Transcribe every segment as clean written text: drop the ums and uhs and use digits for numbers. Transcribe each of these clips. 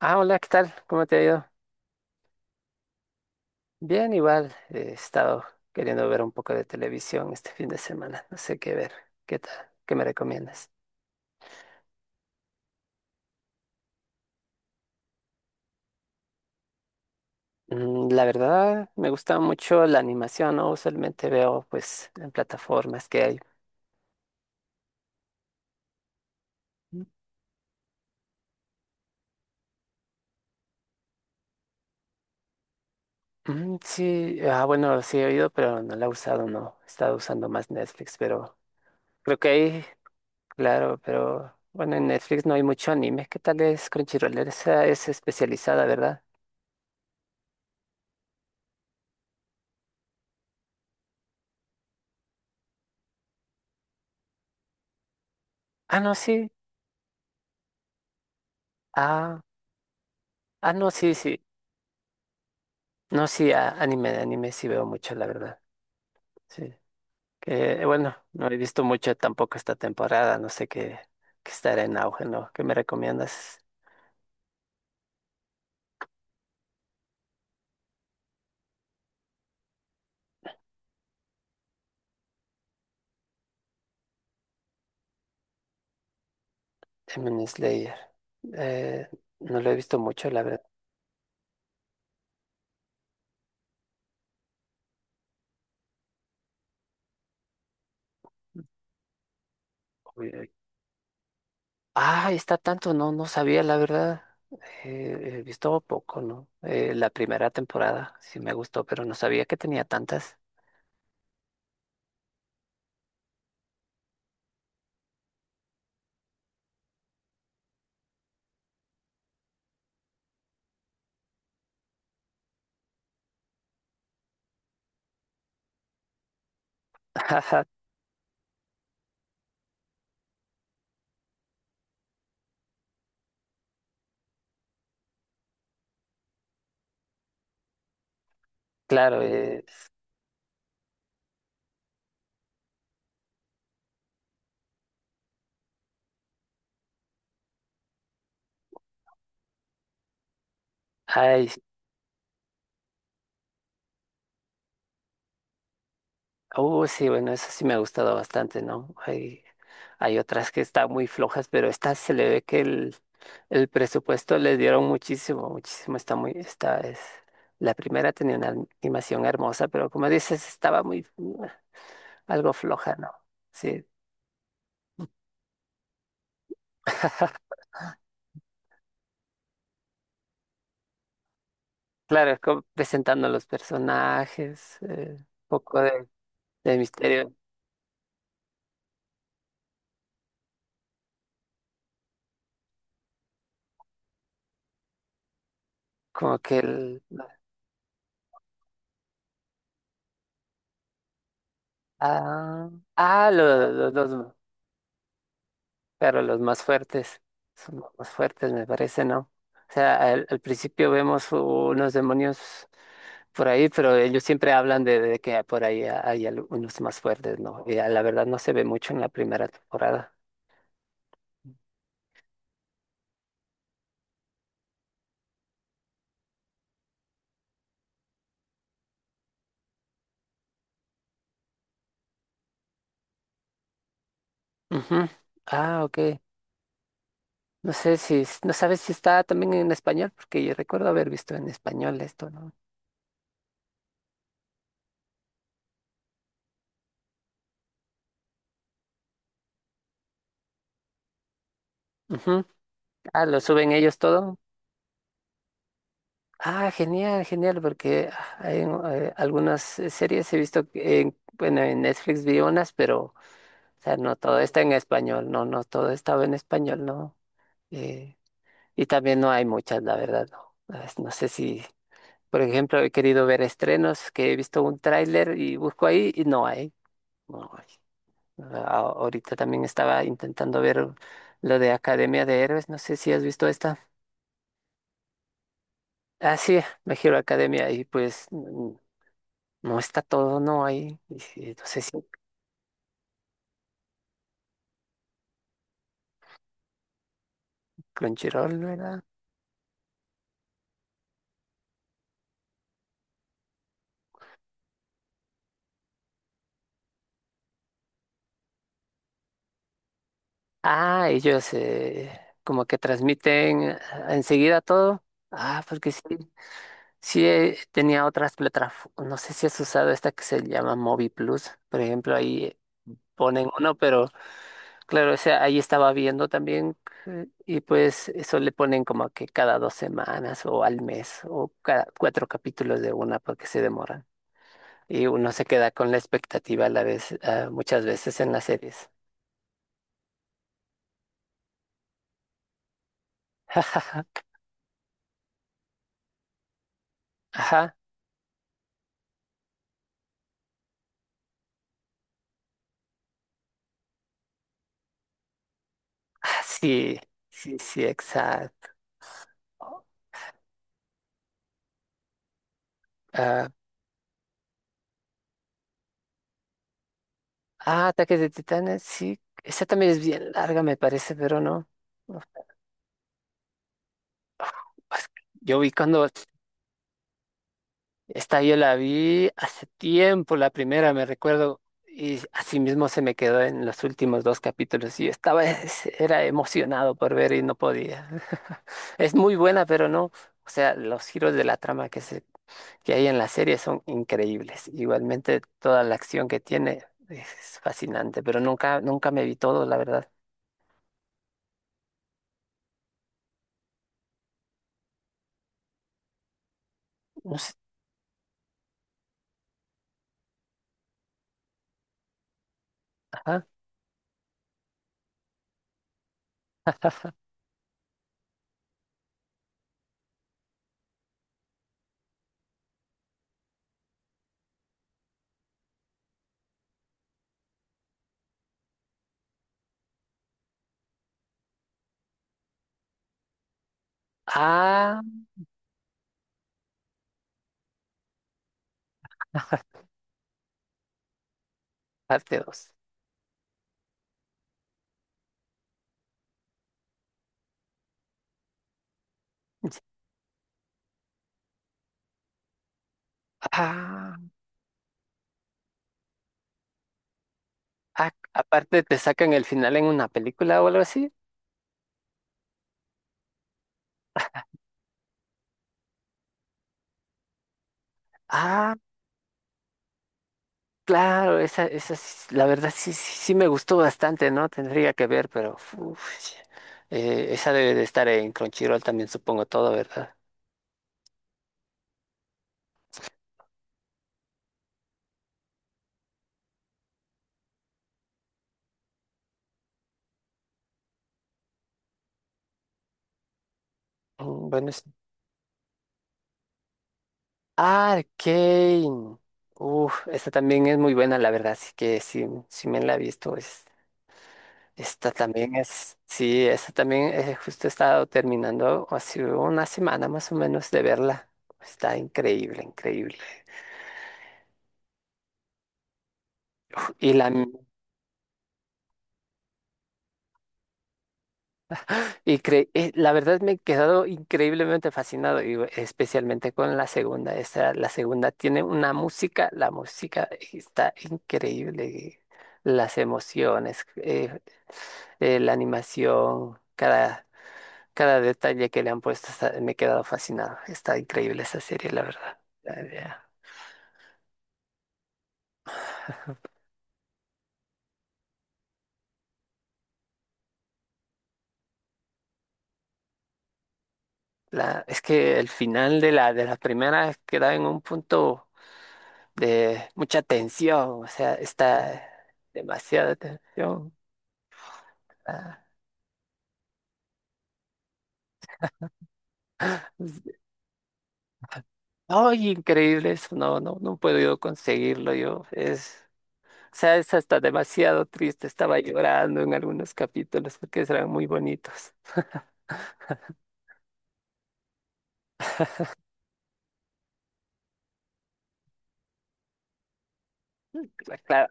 Ah, hola, ¿qué tal? ¿Cómo te ha ido? Bien, igual. He estado queriendo ver un poco de televisión este fin de semana. No sé qué ver. ¿Qué tal? ¿Qué me recomiendas? Mm, la verdad, me gusta mucho la animación, ¿no? Usualmente veo, pues, en plataformas que hay. Mm, sí, ah, bueno, sí he oído, pero no la he usado, no. He estado usando más Netflix, pero creo que ahí, claro, pero bueno, en Netflix no hay mucho anime. ¿Qué tal es Crunchyroll? Esa es especializada, ¿verdad? Ah, no, sí. Ah, ah, no, sí, sí. No, sí, anime, de anime sí veo mucho, la verdad. Sí. Que bueno, no he visto mucho tampoco esta temporada, no sé qué, qué estará en auge, ¿no? ¿Qué me recomiendas? Demon Slayer. Eh, no lo he visto mucho, la verdad. Uy, uy. Ah, está tanto, no, no sabía, la verdad. He visto poco, ¿no? La primera temporada sí me gustó, pero no sabía que tenía tantas. Claro, ay, uh, sí, bueno, eso sí me ha gustado bastante, ¿no? Hay otras que están muy flojas, pero esta se le ve que el presupuesto les dieron muchísimo, muchísimo. Está muy, esta es, la primera tenía una animación hermosa, pero como dices, estaba muy, algo floja, ¿no? Sí, claro, como presentando los personajes, un poco de misterio, como que el, ah, ah, los, claro, los más fuertes son los más fuertes, me parece, ¿no? O sea, al, al principio vemos unos demonios por ahí, pero ellos siempre hablan de que por ahí hay unos más fuertes, ¿no? Y a la verdad no se ve mucho en la primera temporada. Ujú. Ah, ok. No sé si, no sabes si está también en español, porque yo recuerdo haber visto en español esto, ¿no? Ujú. Ah, lo suben ellos todo. Ah, genial, genial, porque ah, hay algunas series he visto, que en, bueno, en Netflix vi unas, pero, o sea, no todo está en español, no, no todo estaba en español, ¿no? Eh, y también no hay muchas, la verdad, no. Ah, no sé si, por ejemplo, he querido ver estrenos que he visto un tráiler y busco ahí y no hay, no hay. Ah, ahorita también estaba intentando ver lo de Academia de Héroes, no sé si has visto esta. Ah, sí, Me Hero Academia y pues no está todo, no hay. No sé si Crunchyroll, ¿verdad? Ah, ellos como que transmiten enseguida todo. Ah, porque sí, sí tenía otras plataformas. No sé si has usado esta que se llama Movi Plus. Por ejemplo, ahí ponen uno, pero claro, o sea ahí estaba viendo también. Y pues eso le ponen como que cada dos semanas o al mes o cada cuatro capítulos de una porque se demoran. Y uno se queda con la expectativa a la vez, ah, muchas veces en las series. Ajá, ah, sí, sí, sí, exacto. ah, ah, Ataque de Titanes, sí. Esa también es bien larga, me parece, pero no. No, pues, yo vi cuando esta yo la vi hace tiempo, la primera, me recuerdo, y así mismo se me quedó en los últimos dos capítulos. Y yo estaba, era emocionado por ver y no podía. Es muy buena, pero no. O sea, los giros de la trama que se que hay en la serie son increíbles. Igualmente toda la acción que tiene es fascinante, pero nunca, nunca me vi todo, la verdad. No sé, ajá. Ah, parte dos. Ah, ah, aparte te sacan el final en una película o algo así. Ah, claro, esa, la verdad sí, sí, sí me gustó bastante, ¿no? Tendría que ver, pero uf, esa debe de estar en Crunchyroll también, supongo todo, ¿verdad? Mm, bueno, Arcane. Uf, esta también es muy buena, la verdad. Así que sí, sí me la he visto. Esta también es, sí, esta también justo he estado terminando hace una semana más o menos de verla. Está increíble, increíble. Y la, la verdad me he quedado increíblemente fascinado, y especialmente con la segunda. Esta, la segunda tiene una música, la música está increíble. Las emociones. La animación, cada, cada detalle que le han puesto, me he quedado fascinado. Está increíble esa serie, la verdad. Es que el final de la primera queda en un punto de mucha tensión, o sea, está demasiada tensión. Ah, es- ¡ay, increíble eso! No, no, no puedo yo conseguirlo yo. Es, o sea, es hasta demasiado triste. Estaba llorando en algunos capítulos porque eran muy bonitos. Claro,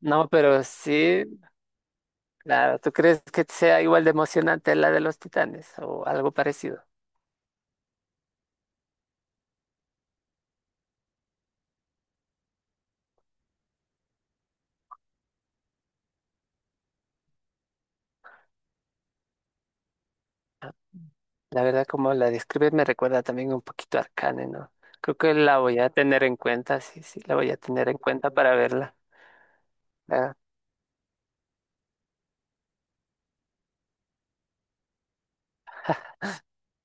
no, pero sí. Claro, ¿tú crees que sea igual de emocionante la de los Titanes o algo parecido? La verdad, como la describes, me recuerda también un poquito a Arcane, ¿no? Creo que la voy a tener en cuenta, sí, sí, la voy a tener en cuenta para verla. Ah,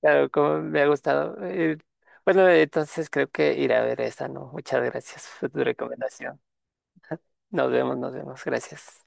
claro, como me ha gustado. Bueno, entonces creo que iré a ver esta, ¿no? Muchas gracias por tu recomendación. Nos vemos, gracias.